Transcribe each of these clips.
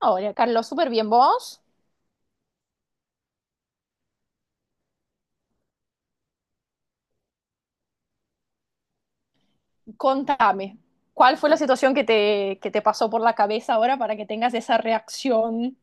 Hola, Carlos, súper bien. ¿Vos? Contame, ¿cuál fue la situación que te pasó por la cabeza ahora para que tengas esa reacción?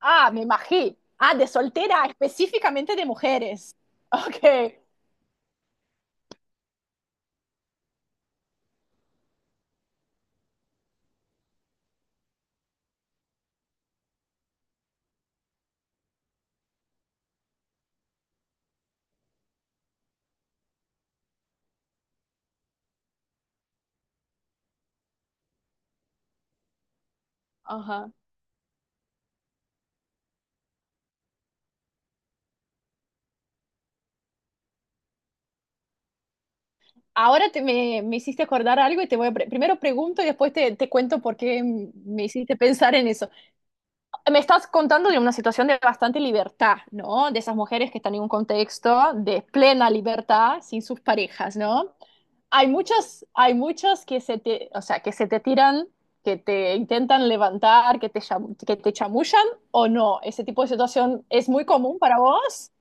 Ah, me imagino. Ah, de soltera, específicamente de mujeres. Ok. Ajá. Ahora me hiciste acordar algo y te voy a primero pregunto y después te cuento por qué me hiciste pensar en eso. Me estás contando de una situación de bastante libertad, ¿no? De esas mujeres que están en un contexto de plena libertad sin sus parejas, ¿no? Hay muchos que se te, o sea, que se te tiran, que te intentan levantar, que te chamullan o no. Ese tipo de situación es muy común para vos.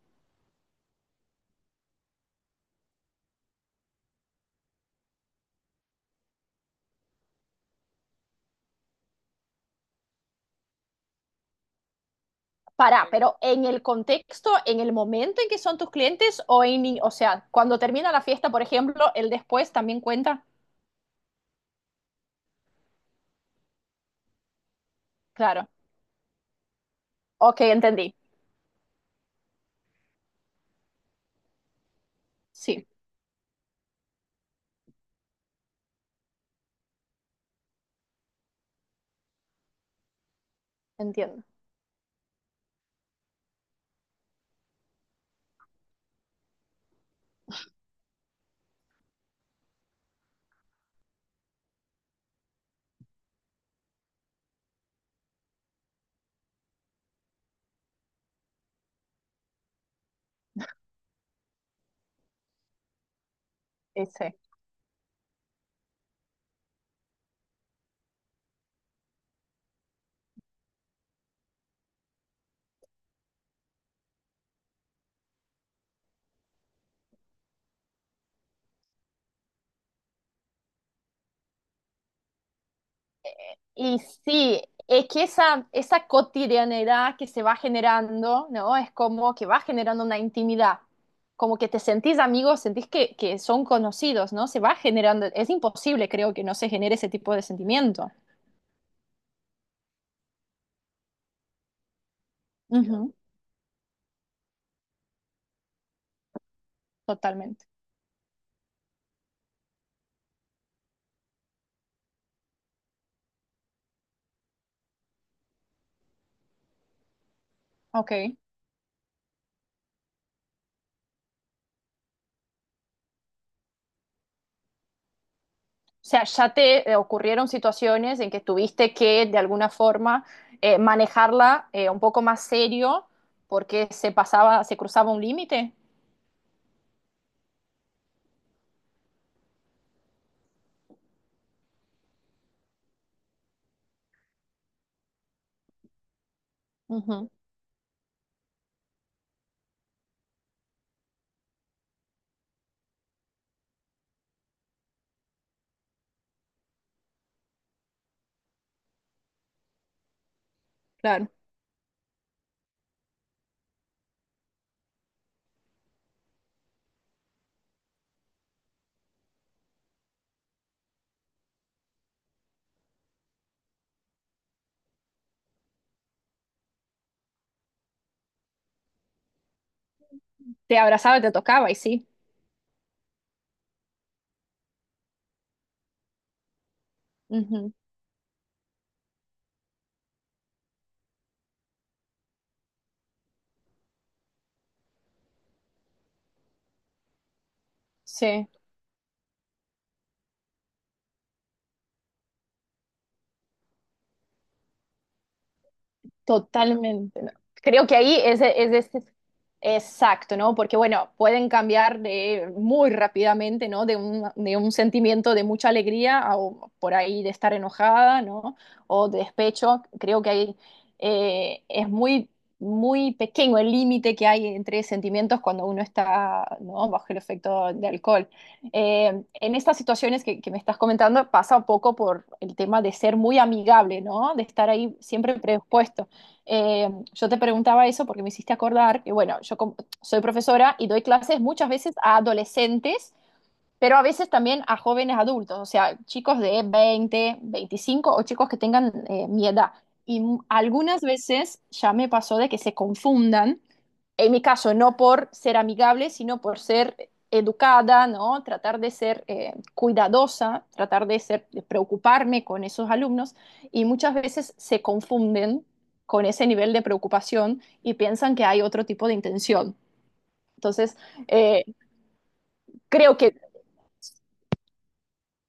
Para, pero en el contexto, en el momento en que son tus clientes o sea, cuando termina la fiesta, por ejemplo, el después también cuenta. Claro. Ok, entendí. Sí, entiendo. Ese. Y sí, es que esa cotidianidad que se va generando, ¿no? Es como que va generando una intimidad, como que te sentís amigos, sentís que son conocidos, ¿no? Se va generando, es imposible, creo, que no se genere ese tipo de sentimiento. Ujú, totalmente. Ok. O sea, ya te ocurrieron situaciones en que tuviste que, de alguna forma, manejarla un poco más serio porque se pasaba, se cruzaba un límite. Ujú, claro. Te abrazaba, y te tocaba y sí. Ujú, sí, totalmente. ¿No? Creo que ahí exacto, ¿no? Porque, bueno, pueden cambiar muy rápidamente, ¿no? De un sentimiento de mucha alegría a o por ahí de estar enojada, ¿no? O de despecho. Creo que ahí es muy, muy pequeño el límite que hay entre sentimientos cuando uno está, ¿no? Bajo el efecto de alcohol. En estas situaciones que me estás comentando pasa un poco por el tema de ser muy amigable, ¿no? De estar ahí siempre predispuesto. Eh, yo te preguntaba eso porque me hiciste acordar que, bueno, yo soy profesora y doy clases muchas veces a adolescentes pero a veces también a jóvenes adultos, o sea, chicos de 20 25 o chicos que tengan mi edad. Y algunas veces ya me pasó de que se confundan, en mi caso no por ser amigable, sino por ser educada, ¿no? Tratar de ser cuidadosa, tratar de preocuparme con esos alumnos y muchas veces se confunden con ese nivel de preocupación y piensan que hay otro tipo de intención. Entonces, eh, creo que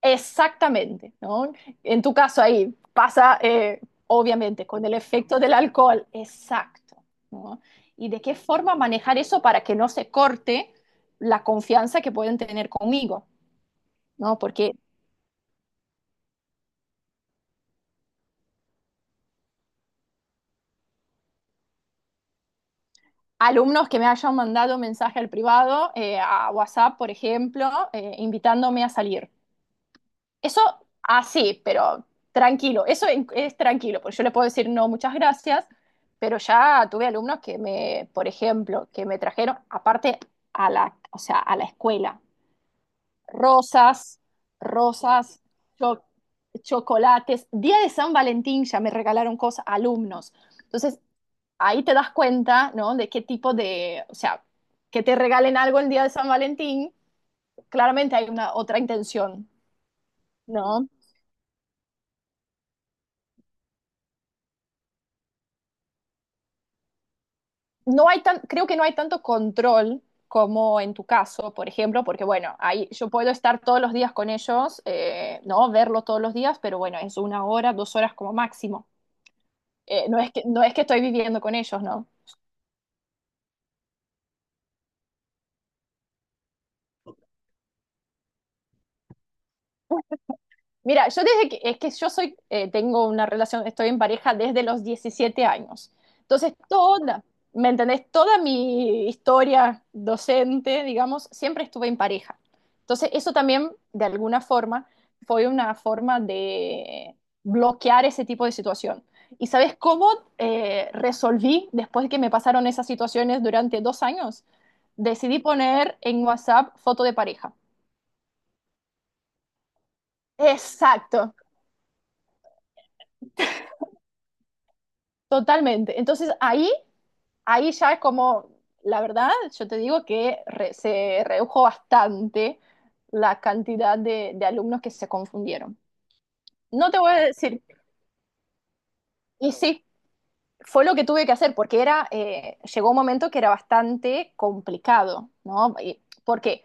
exactamente, ¿no? En tu caso ahí pasa, obviamente, con el efecto del alcohol, exacto, ¿no? ¿Y de qué forma manejar eso para que no se corte la confianza que pueden tener conmigo, ¿no? Porque alumnos que me hayan mandado mensaje al privado, a WhatsApp, por ejemplo, invitándome a salir. Eso, así, pero tranquilo, eso es tranquilo, porque yo le puedo decir no, muchas gracias, pero ya tuve alumnos que me, por ejemplo, que me trajeron, aparte a la, o sea, a la escuela, rosas, rosas, cho- chocolates, día de San Valentín ya me regalaron cosas, alumnos. Entonces, ahí te das cuenta, ¿no? De qué tipo de, o sea, que te regalen algo el día de San Valentín, claramente hay una otra intención, ¿no? No hay creo que no hay tanto control como en tu caso, por ejemplo, porque bueno, ahí yo puedo estar todos los días con ellos, no verlos todos los días, pero bueno, es 1 hora, 2 horas como máximo. No es que estoy viviendo con ellos, ¿no? Mira, yo desde que, es que yo soy, tengo una relación, estoy en pareja desde los 17 años. Entonces, ¿me entendés? Toda mi historia docente, digamos, siempre estuve en pareja. Entonces, eso también, de alguna forma, fue una forma de bloquear ese tipo de situación. ¿Y sabes cómo resolví después que me pasaron esas situaciones durante 2 años? Decidí poner en WhatsApp foto de pareja. Exacto, totalmente. Entonces ahí ya es como, la verdad, yo te digo que se redujo bastante la cantidad de alumnos que se confundieron. No te voy a decir, y sí, fue lo que tuve que hacer, porque era, llegó un momento que era bastante complicado, ¿no? Porque,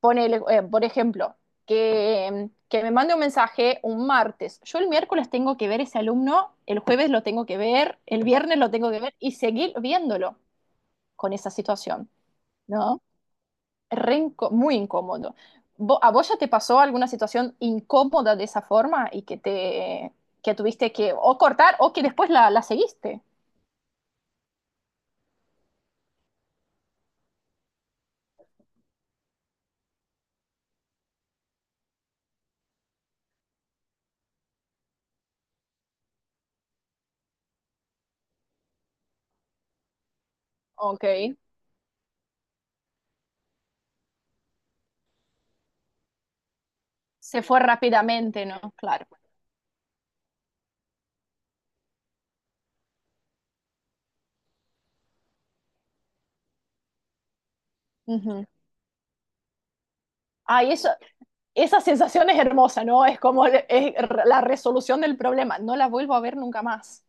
ponele, por ejemplo, que me mande un mensaje un martes, yo el miércoles tengo que ver ese alumno, el jueves lo tengo que ver, el viernes lo tengo que ver y seguir viéndolo con esa situación, ¿no? Muy incómodo. ¿A vos ya te pasó alguna situación incómoda de esa forma y que tuviste que o cortar o que después la seguiste? Ok. Se fue rápidamente, ¿no? Claro. Ujú. Ay, esa sensación es hermosa, ¿no? Es como la resolución del problema. No la vuelvo a ver nunca más.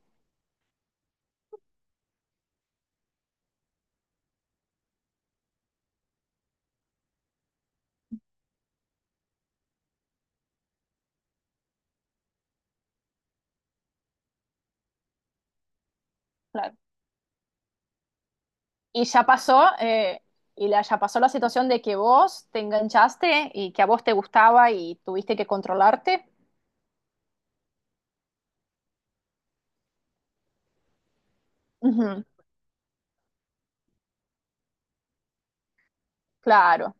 Claro. Y ya pasó, ya pasó la situación de que vos te enganchaste y que a vos te gustaba y tuviste que controlarte. Ujú. Claro.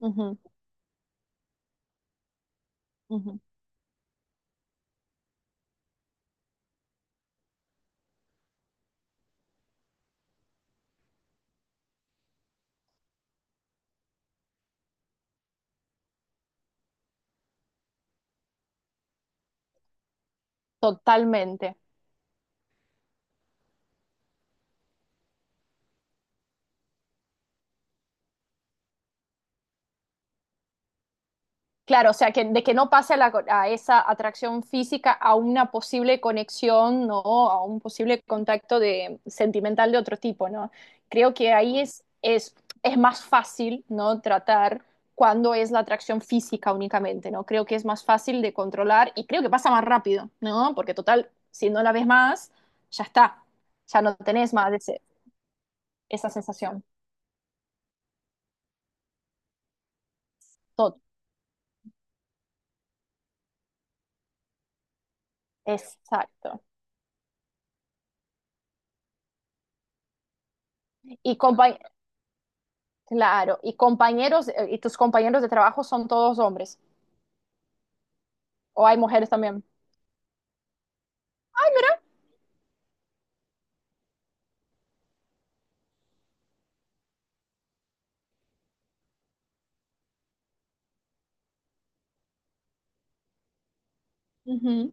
Ujú, ujú. Totalmente. Claro, o sea, de que no pase a esa atracción física a una posible conexión, ¿no? A un posible contacto sentimental de otro tipo, ¿no? Creo que ahí es más fácil, ¿no? Tratar cuando es la atracción física únicamente, ¿no? Creo que es más fácil de controlar y creo que pasa más rápido, ¿no? Porque total, si no la ves más, ya está, ya no tenés más esa sensación. Tot- Exacto. Y, compa- Claro, y tus compañeros de trabajo son todos hombres, o hay mujeres también. Ujú,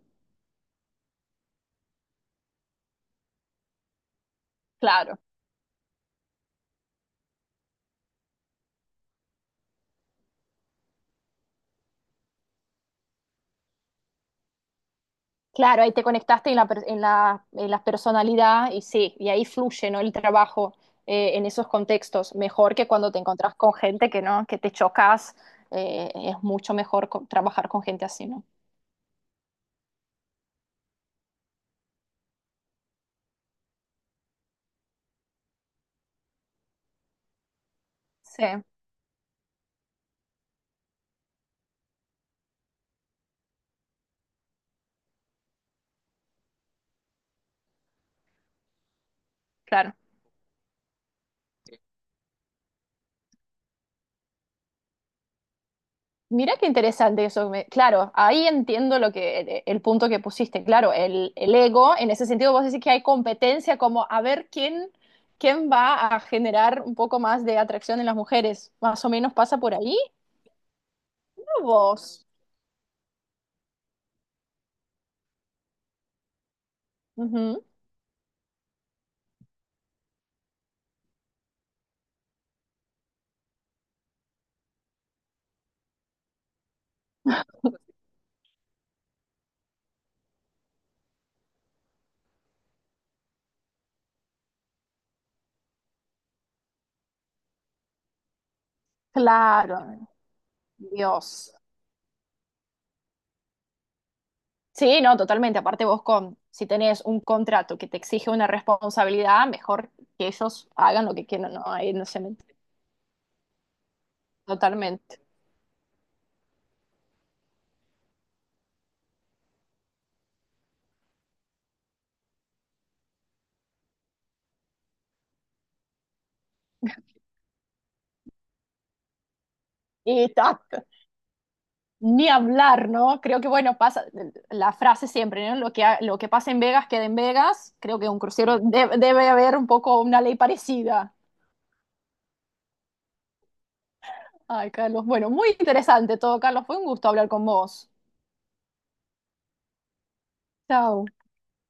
claro, claro, ahí te conectaste en la personalidad y sí, y ahí fluye, ¿no? El trabajo en esos contextos, mejor que cuando te encontrás con gente que no, que te chocas, es mucho mejor trabajar con gente así, ¿no? Sí, claro. Mirá qué interesante eso. Claro, ahí entiendo lo que el punto que pusiste. Claro, el ego, en ese sentido, vos decís que hay competencia como a ver quién va a generar un poco más de atracción en las mujeres. Más o menos pasa por ahí. ¿No? Vos. Ujú. Claro, Dios. Sí, no, totalmente. Aparte vos si tenés un contrato que te exige una responsabilidad, mejor que ellos hagan lo que quieran. No, ahí no se mete. Totalmente. Y ta- Ni hablar, ¿no? Creo que, bueno, pasa la frase siempre, ¿no? Lo que pasa en Vegas queda en Vegas. Creo que un crucero debe haber un poco una ley parecida. Ay, Carlos, bueno, muy interesante todo, Carlos. Fue un gusto hablar con vos. Chao.